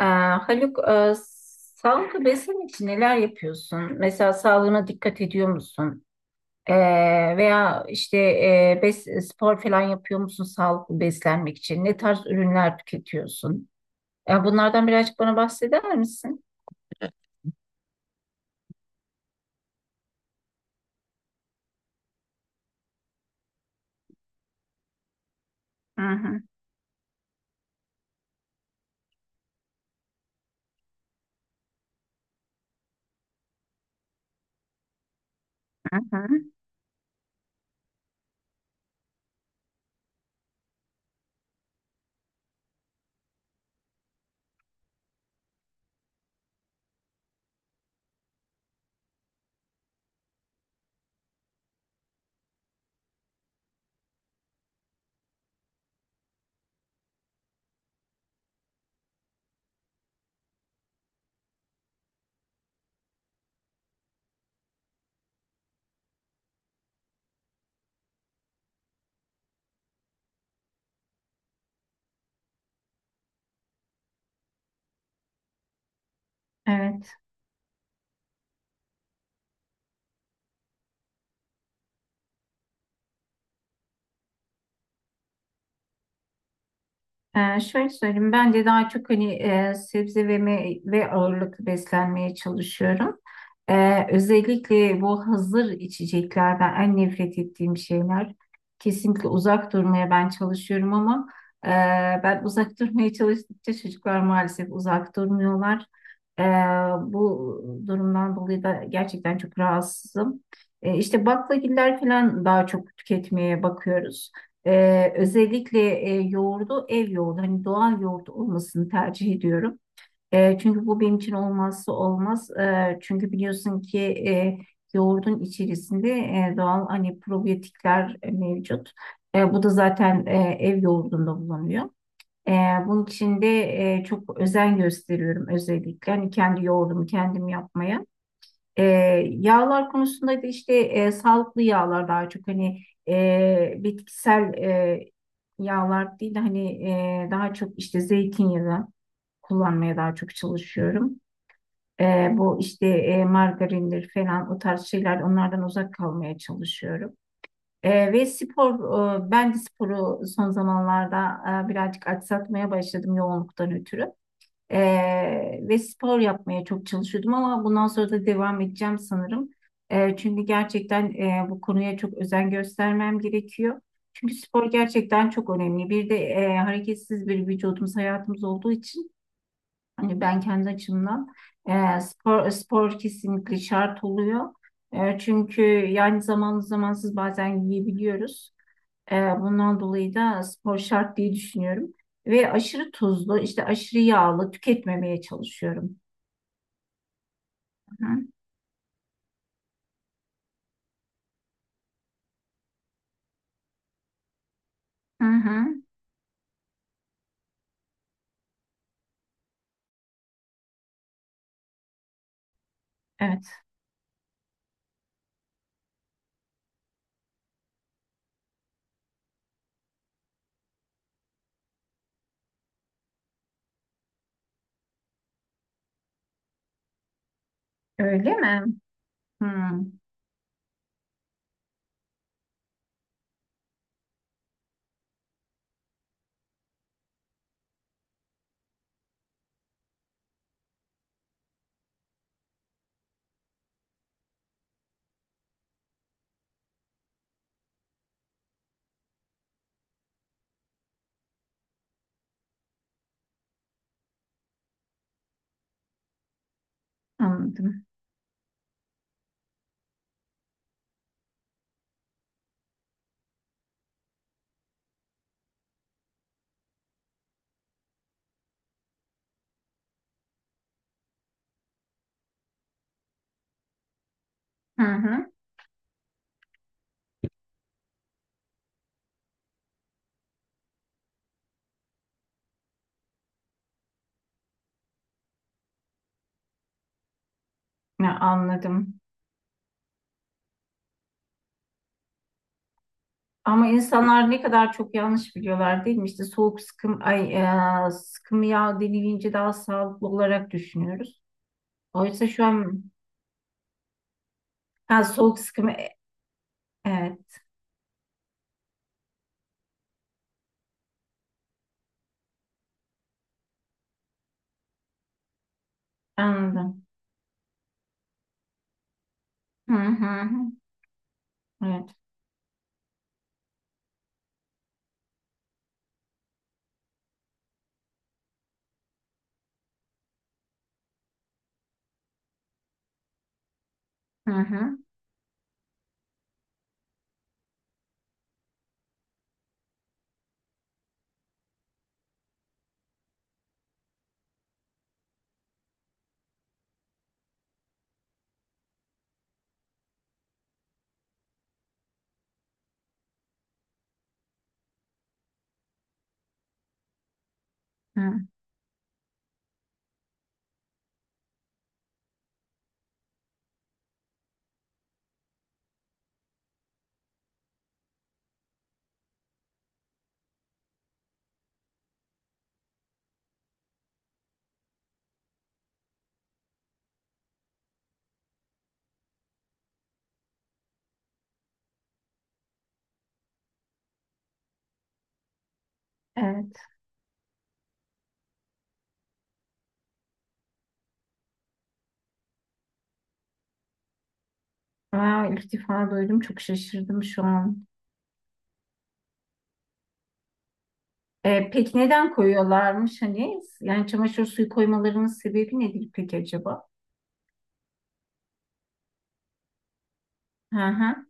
Haluk, sağlıklı beslenmek için neler yapıyorsun? Mesela sağlığına dikkat ediyor musun? Ee, Veya işte spor falan yapıyor musun sağlıklı beslenmek için? Ne tarz ürünler tüketiyorsun? Ya bunlardan birazcık bana bahseder misin? Hı hı hı hı. Evet. Şöyle söyleyeyim, bence daha çok sebze ve meyve ağırlıklı beslenmeye çalışıyorum. Özellikle bu hazır içeceklerden en nefret ettiğim şeyler. Kesinlikle uzak durmaya ben çalışıyorum ama e, ben uzak durmaya çalıştıkça çocuklar maalesef uzak durmuyorlar. Ee, Bu durumdan dolayı da gerçekten çok rahatsızım. İşte baklagiller falan daha çok tüketmeye bakıyoruz. Özellikle yoğurdu ev yoğurdu hani doğal yoğurt olmasını tercih ediyorum. Çünkü bu benim için olmazsa olmaz. Çünkü biliyorsun ki e, yoğurdun içerisinde doğal hani probiyotikler mevcut. Bu da zaten ev yoğurdunda bulunuyor. E, Bunun için de çok özen gösteriyorum özellikle. Hani kendi yoğurdumu kendim yapmaya. E, Yağlar konusunda da işte sağlıklı yağlar daha çok bitkisel yağlar değil de daha çok işte zeytinyağı kullanmaya daha çok çalışıyorum. E, Bu işte margarindir falan o tarz şeyler onlardan uzak kalmaya çalışıyorum. Ve spor, ben de sporu son zamanlarda birazcık aksatmaya başladım yoğunluktan ötürü. Ve spor yapmaya çok çalışıyordum ama bundan sonra da devam edeceğim sanırım. Çünkü gerçekten bu konuya çok özen göstermem gerekiyor. Çünkü spor gerçekten çok önemli. Bir de hareketsiz bir vücudumuz, hayatımız olduğu için hani ben kendi açımdan spor kesinlikle şart oluyor. Çünkü yani zamanlı zamansız bazen yiyebiliyoruz. Ee, Bundan dolayı da spor şart diye düşünüyorum. Ve aşırı tuzlu, işte aşırı yağlı tüketmemeye çalışıyorum. Hı hı. Hı hı. Evet. Öyle mi? Hı. Anladım. Hı hı. Ya, anladım. Ama insanlar ne kadar çok yanlış biliyorlar değil mi? İşte soğuk sıkım, ay, sıkım yağ denilince daha sağlıklı olarak düşünüyoruz. Oysa şu an ha, soğuk sıkım, evet anladım. Hı hı. Evet. Hı hı. Hı. Evet. Aa, ilk defa duydum. Çok şaşırdım şu an. Peki neden koyuyorlarmış hani? Yani çamaşır suyu koymalarının sebebi nedir peki acaba? Hı hı.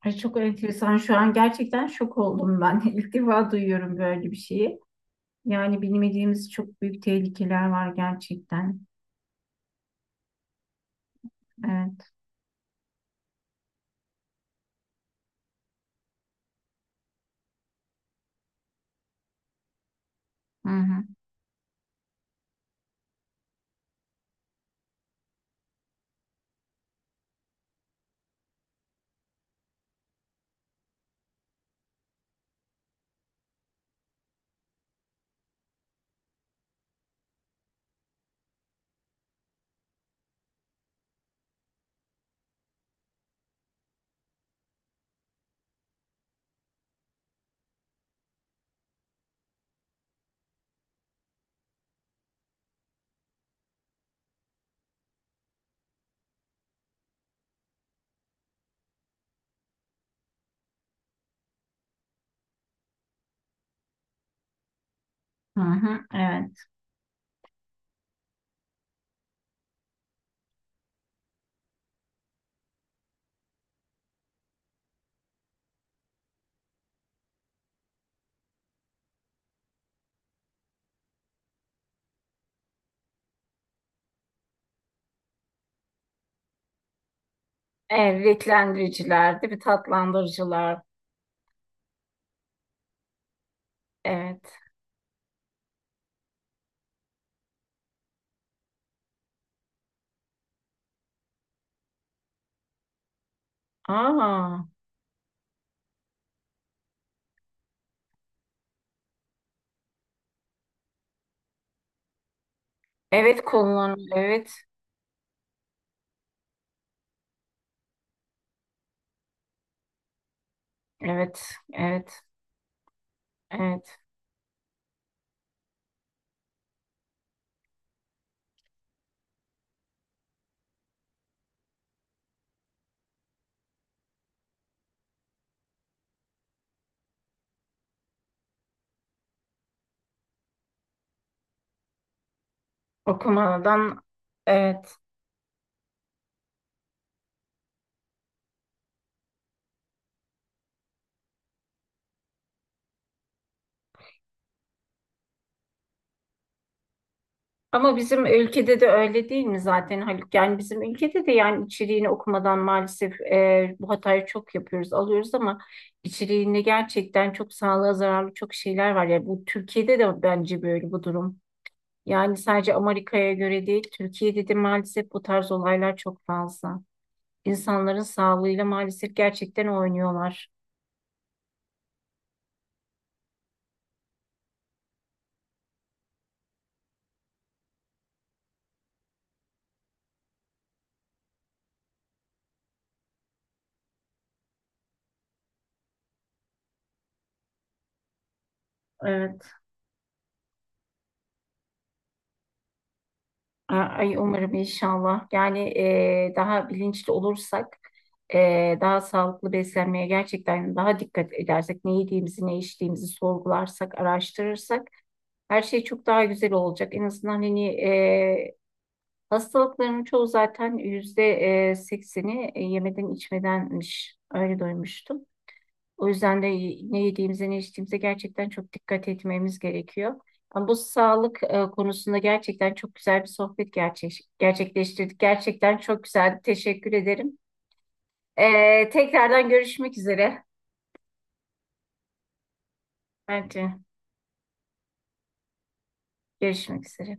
Ay, çok enteresan. Şu an gerçekten şok oldum ben. İlk defa duyuyorum böyle bir şeyi. Yani bilmediğimiz çok büyük tehlikeler var gerçekten. Evet. Hı hı. Hı hı. Evet. Evet, renklendiriciler, değil mi? Tatlandırıcılar. Evet. Aa, evet kullanılıyor. Evet. Evet. Evet. Evet. Okumadan evet. Ama bizim ülkede de öyle değil mi zaten Haluk? Yani bizim ülkede de yani içeriğini okumadan maalesef bu hatayı çok yapıyoruz, alıyoruz ama içeriğinde gerçekten çok sağlığa zararlı çok şeyler var. Yani bu Türkiye'de de bence böyle bu durum. Yani sadece Amerika'ya göre değil, Türkiye'de de maalesef bu tarz olaylar çok fazla. İnsanların sağlığıyla maalesef gerçekten oynuyorlar. Evet. Ay umarım inşallah. Yani daha bilinçli olursak, daha sağlıklı beslenmeye gerçekten daha dikkat edersek, ne yediğimizi, ne içtiğimizi sorgularsak, araştırırsak her şey çok daha güzel olacak. En azından hastalıkların çoğu zaten yüzde 80'i yemeden içmedenmiş. Öyle duymuştum. O yüzden de ne yediğimize ne içtiğimize gerçekten çok dikkat etmemiz gerekiyor. Ama bu sağlık konusunda gerçekten çok güzel bir sohbet gerçekleştirdik. Gerçekten çok güzel. Teşekkür ederim. Tekrardan görüşmek üzere. Bence görüşmek üzere.